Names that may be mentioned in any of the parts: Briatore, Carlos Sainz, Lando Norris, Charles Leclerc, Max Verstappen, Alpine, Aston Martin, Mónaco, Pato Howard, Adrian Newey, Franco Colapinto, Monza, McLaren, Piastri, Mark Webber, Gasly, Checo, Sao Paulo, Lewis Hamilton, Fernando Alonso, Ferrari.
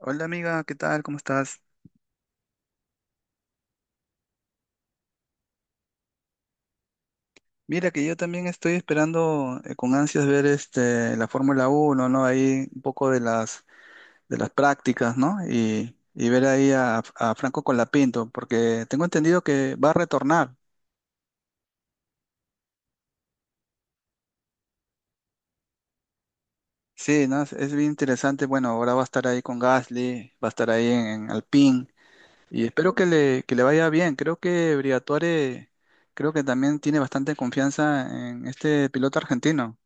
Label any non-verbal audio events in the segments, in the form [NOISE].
Hola amiga, ¿qué tal? ¿Cómo estás? Mira que yo también estoy esperando con ansias ver la Fórmula Uno, ¿no? Ahí un poco de las prácticas, ¿no? Y ver ahí a Franco Colapinto, porque tengo entendido que va a retornar. Sí, ¿no? Es bien interesante. Bueno, ahora va a estar ahí con Gasly, va a estar ahí en Alpine y espero que que le vaya bien. Creo que Briatore, creo que también tiene bastante confianza en este piloto argentino.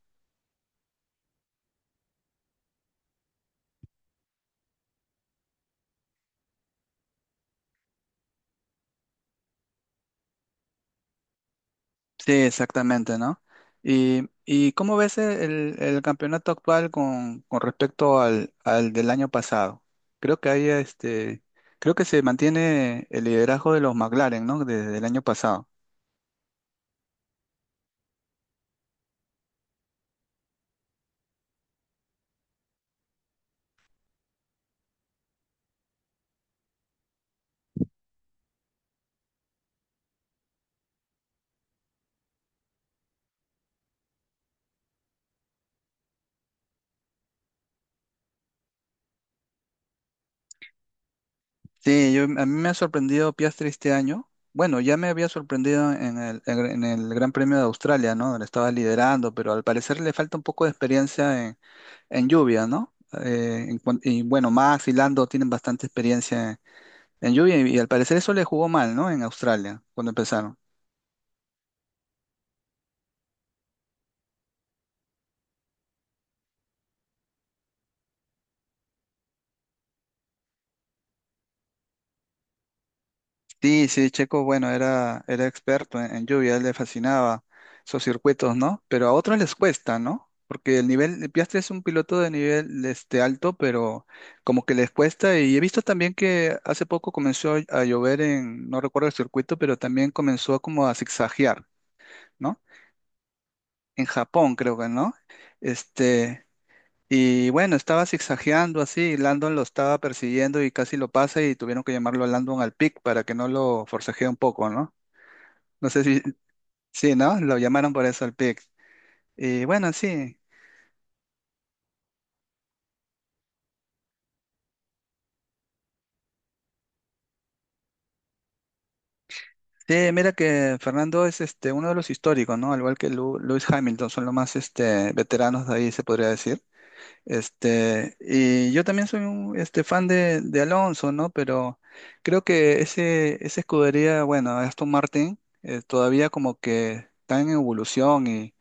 Sí, exactamente, ¿no? ¿Y cómo ves el campeonato actual con respecto al del año pasado? Creo que hay creo que se mantiene el liderazgo de los McLaren, ¿no? Desde el año pasado. Sí, a mí me ha sorprendido Piastri este año. Bueno, ya me había sorprendido en el Gran Premio de Australia, ¿no? Donde estaba liderando, pero al parecer le falta un poco de experiencia en lluvia, ¿no? Y bueno, Max y Lando tienen bastante experiencia en lluvia, y al parecer eso le jugó mal, ¿no? En Australia, cuando empezaron. Sí, sí, Checo, bueno, era experto en lluvia, a él le fascinaba esos circuitos, ¿no? Pero a otros les cuesta, ¿no? Porque el nivel, Piastri es un piloto de nivel alto, pero como que les cuesta. Y he visto también que hace poco comenzó a llover no recuerdo el circuito, pero también comenzó como a zigzaguear, ¿no? En Japón, creo que, ¿no? Este, Y bueno, estaba zigzagueando así, y Landon lo estaba persiguiendo y casi lo pasa y tuvieron que llamarlo a Landon al pick para que no lo forcejee un poco, ¿no? No sé si, sí, ¿no? Lo llamaron por eso al pick. Y bueno, sí. Sí, mira que Fernando es uno de los históricos, ¿no? Al igual que Lewis Hamilton, son los más veteranos de ahí, se podría decir. Y yo también soy un fan de Alonso, ¿no? Pero creo que esa escudería, bueno, Aston Martin, todavía como que está en evolución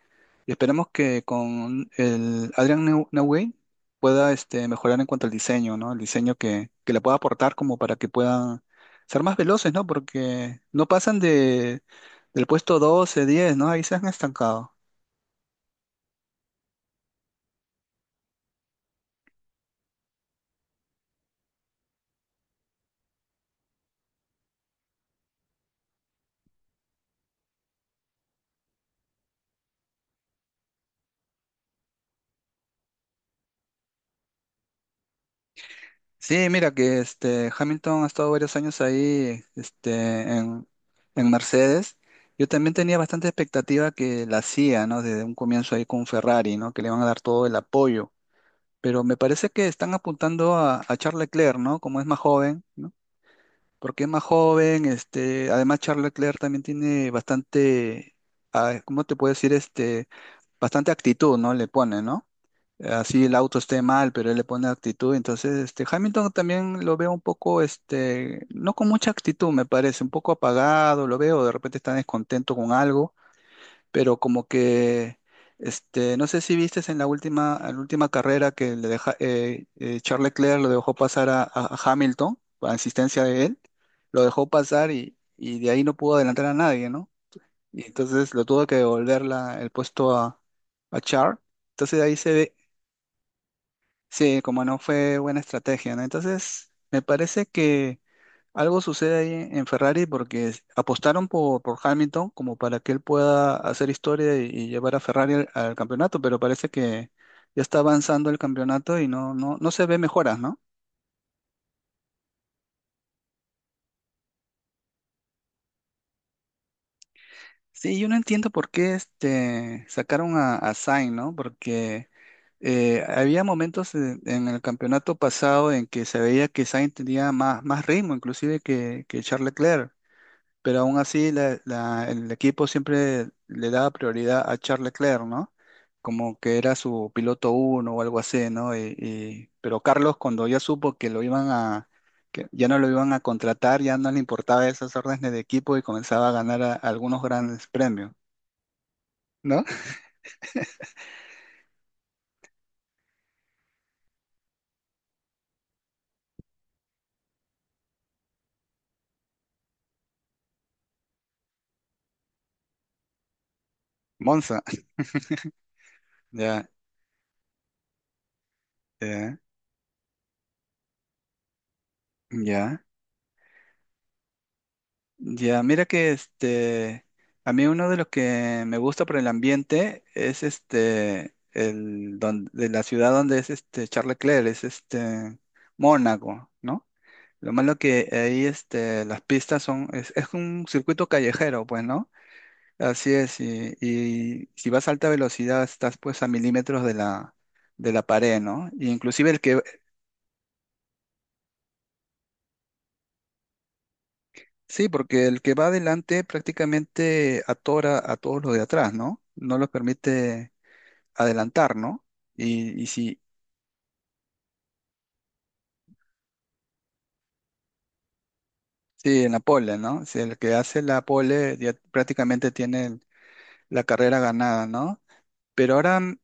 y esperemos que con el Newey pueda mejorar en cuanto al diseño, ¿no? El diseño que le pueda aportar como para que puedan ser más veloces, ¿no? Porque no pasan del puesto 12 diez, ¿no? Ahí se han estancado. Sí, mira que este Hamilton ha estado varios años ahí en, en Mercedes. Yo también tenía bastante expectativa que la CIA, ¿no? Desde un comienzo ahí con Ferrari, ¿no? Que le van a dar todo el apoyo. Pero me parece que están apuntando a Charles Leclerc, ¿no? Como es más joven, ¿no? Porque es más joven, además Charles Leclerc también tiene bastante, ah, ¿cómo te puedo decir? Bastante actitud, ¿no? Le pone, ¿no?, así el auto esté mal, pero él le pone actitud. Entonces, Hamilton también lo veo un poco, no con mucha actitud, me parece, un poco apagado, lo veo, de repente está descontento con algo, pero como que, no sé si viste en en la última carrera que le deja, Charles Leclerc lo dejó pasar a Hamilton, a insistencia de él, lo dejó pasar y de ahí no pudo adelantar a nadie, ¿no? Y entonces lo tuvo que devolver el puesto a Charles. Entonces de ahí se ve. Sí, como no fue buena estrategia, ¿no? Entonces, me parece que algo sucede ahí en Ferrari porque apostaron por Hamilton como para que él pueda hacer historia y llevar a Ferrari al campeonato, pero parece que ya está avanzando el campeonato y no se ve mejoras, ¿no? Sí, yo no entiendo por qué sacaron a Sainz, ¿no? Porque había momentos en el campeonato pasado en que se veía que Sainz tenía más ritmo, inclusive que Charles Leclerc, pero aún así el equipo siempre le daba prioridad a Charles Leclerc, ¿no? Como que era su piloto uno o algo así, ¿no? Pero Carlos, cuando ya supo que lo iban que ya no lo iban a contratar, ya no le importaba esas órdenes de equipo y comenzaba a ganar algunos grandes premios, ¿no? [LAUGHS] Monza, ya, ya, ya. Ya, mira que a mí uno de los que me gusta por el ambiente es de la ciudad donde es Charles Leclerc, es Mónaco, ¿no? Lo malo que ahí las pistas son, es un circuito callejero, pues, ¿no? Así es, y si vas a alta velocidad estás pues a milímetros de de la pared, ¿no? Y inclusive el que, sí, porque el que va adelante prácticamente atora a todos los de atrás, ¿no? No los permite adelantar, ¿no? Y si, sí, en la pole, ¿no? Si el que hace la pole ya prácticamente tiene la carrera ganada, ¿no? Pero ahora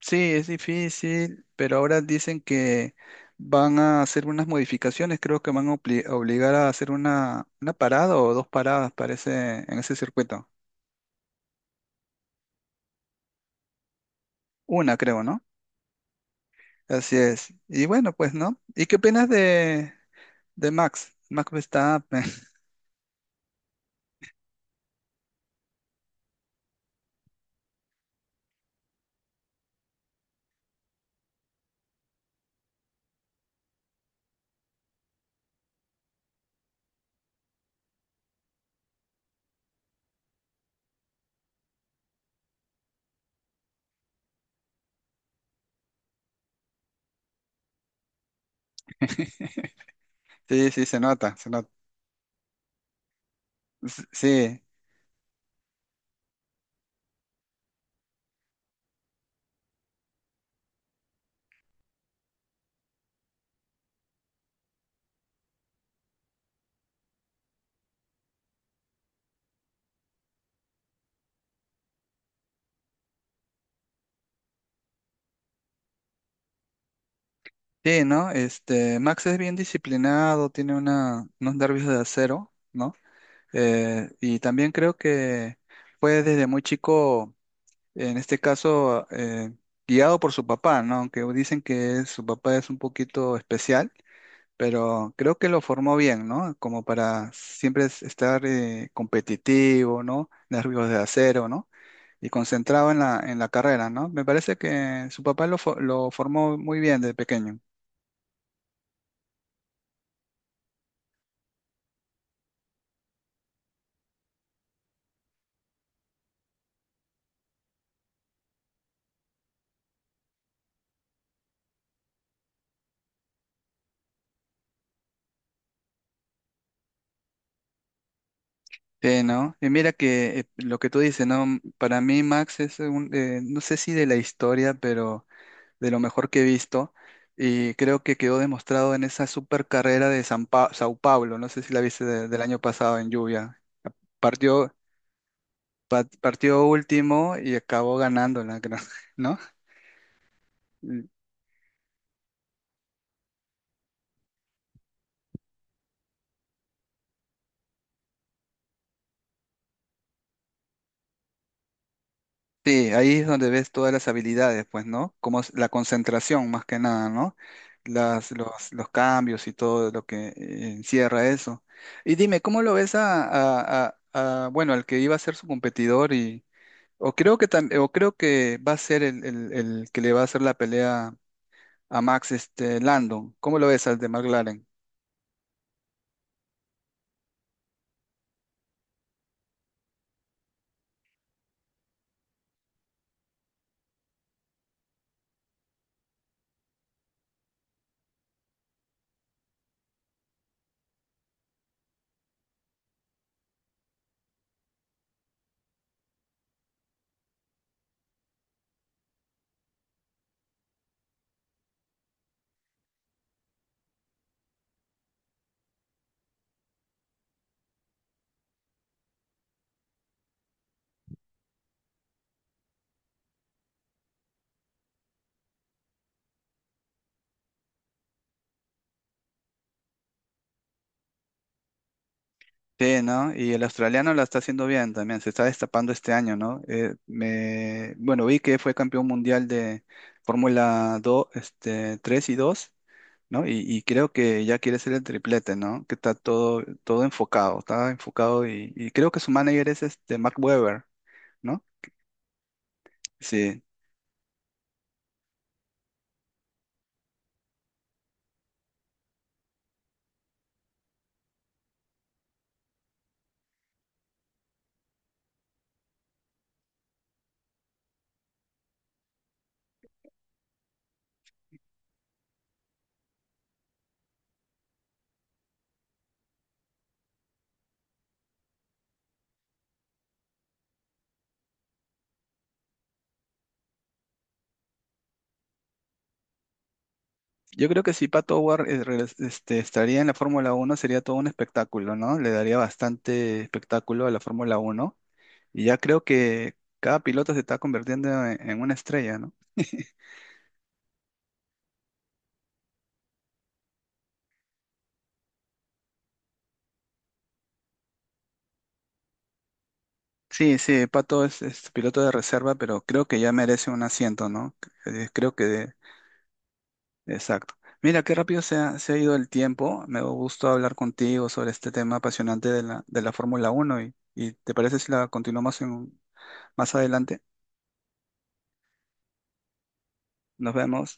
sí, es difícil, pero ahora dicen que van a hacer unas modificaciones, creo que van a obligar a hacer una parada o dos paradas, parece, en ese circuito. Una, creo, ¿no? Así es. Y bueno, pues, ¿no? ¿Y qué opinas de Max? Max Verstappen. [LAUGHS] Sí, sí, se nota, se nota. Sí. Sí, ¿no? Max es bien disciplinado, tiene unos nervios de acero, ¿no? Y también creo que fue desde muy chico, en este caso, guiado por su papá, ¿no? Aunque dicen que su papá es un poquito especial, pero creo que lo formó bien, ¿no? Como para siempre estar competitivo, ¿no? Nervios de acero, ¿no? Y concentrado en en la carrera, ¿no? Me parece que su papá lo, lo formó muy bien desde pequeño. Sí, ¿no? Y mira que lo que tú dices, ¿no? Para mí Max es un, no sé si de la historia, pero de lo mejor que he visto y creo que quedó demostrado en esa super carrera de Sao Paulo, no sé si la viste del año pasado en lluvia. Partió, Partió último y acabó ganándola, creo, [LAUGHS] ¿no? Sí, ahí es donde ves todas las habilidades, pues, ¿no? Como es la concentración más que nada, ¿no? Los cambios y todo lo que encierra eso. Y dime, ¿cómo lo ves a, bueno, al que iba a ser su competidor o creo que o creo que va a ser el que le va a hacer la pelea a Max, Landon. ¿Cómo lo ves al de Mark? Sí, ¿no? Y el australiano la está haciendo bien también, se está destapando este año, ¿no? Bueno, vi que fue campeón mundial de Fórmula 2, 3 y 2, ¿no? Y creo que ya quiere ser el triplete, ¿no? Que está todo enfocado, está enfocado y creo que su manager es este Mark Webber, ¿no? Sí. Yo creo que si Pato Howard estaría en la Fórmula uno sería todo un espectáculo, ¿no? Le daría bastante espectáculo a la Fórmula uno. Y ya creo que cada piloto se está convirtiendo en una estrella, ¿no? Sí, sí, Pato es piloto de reserva, pero creo que ya merece un asiento, ¿no? Eh, Creo que, exacto. Mira, qué rápido se ha ido el tiempo. Me dio gusto hablar contigo sobre este tema apasionante de de la Fórmula Uno y ¿te parece si la continuamos más adelante? Nos vemos.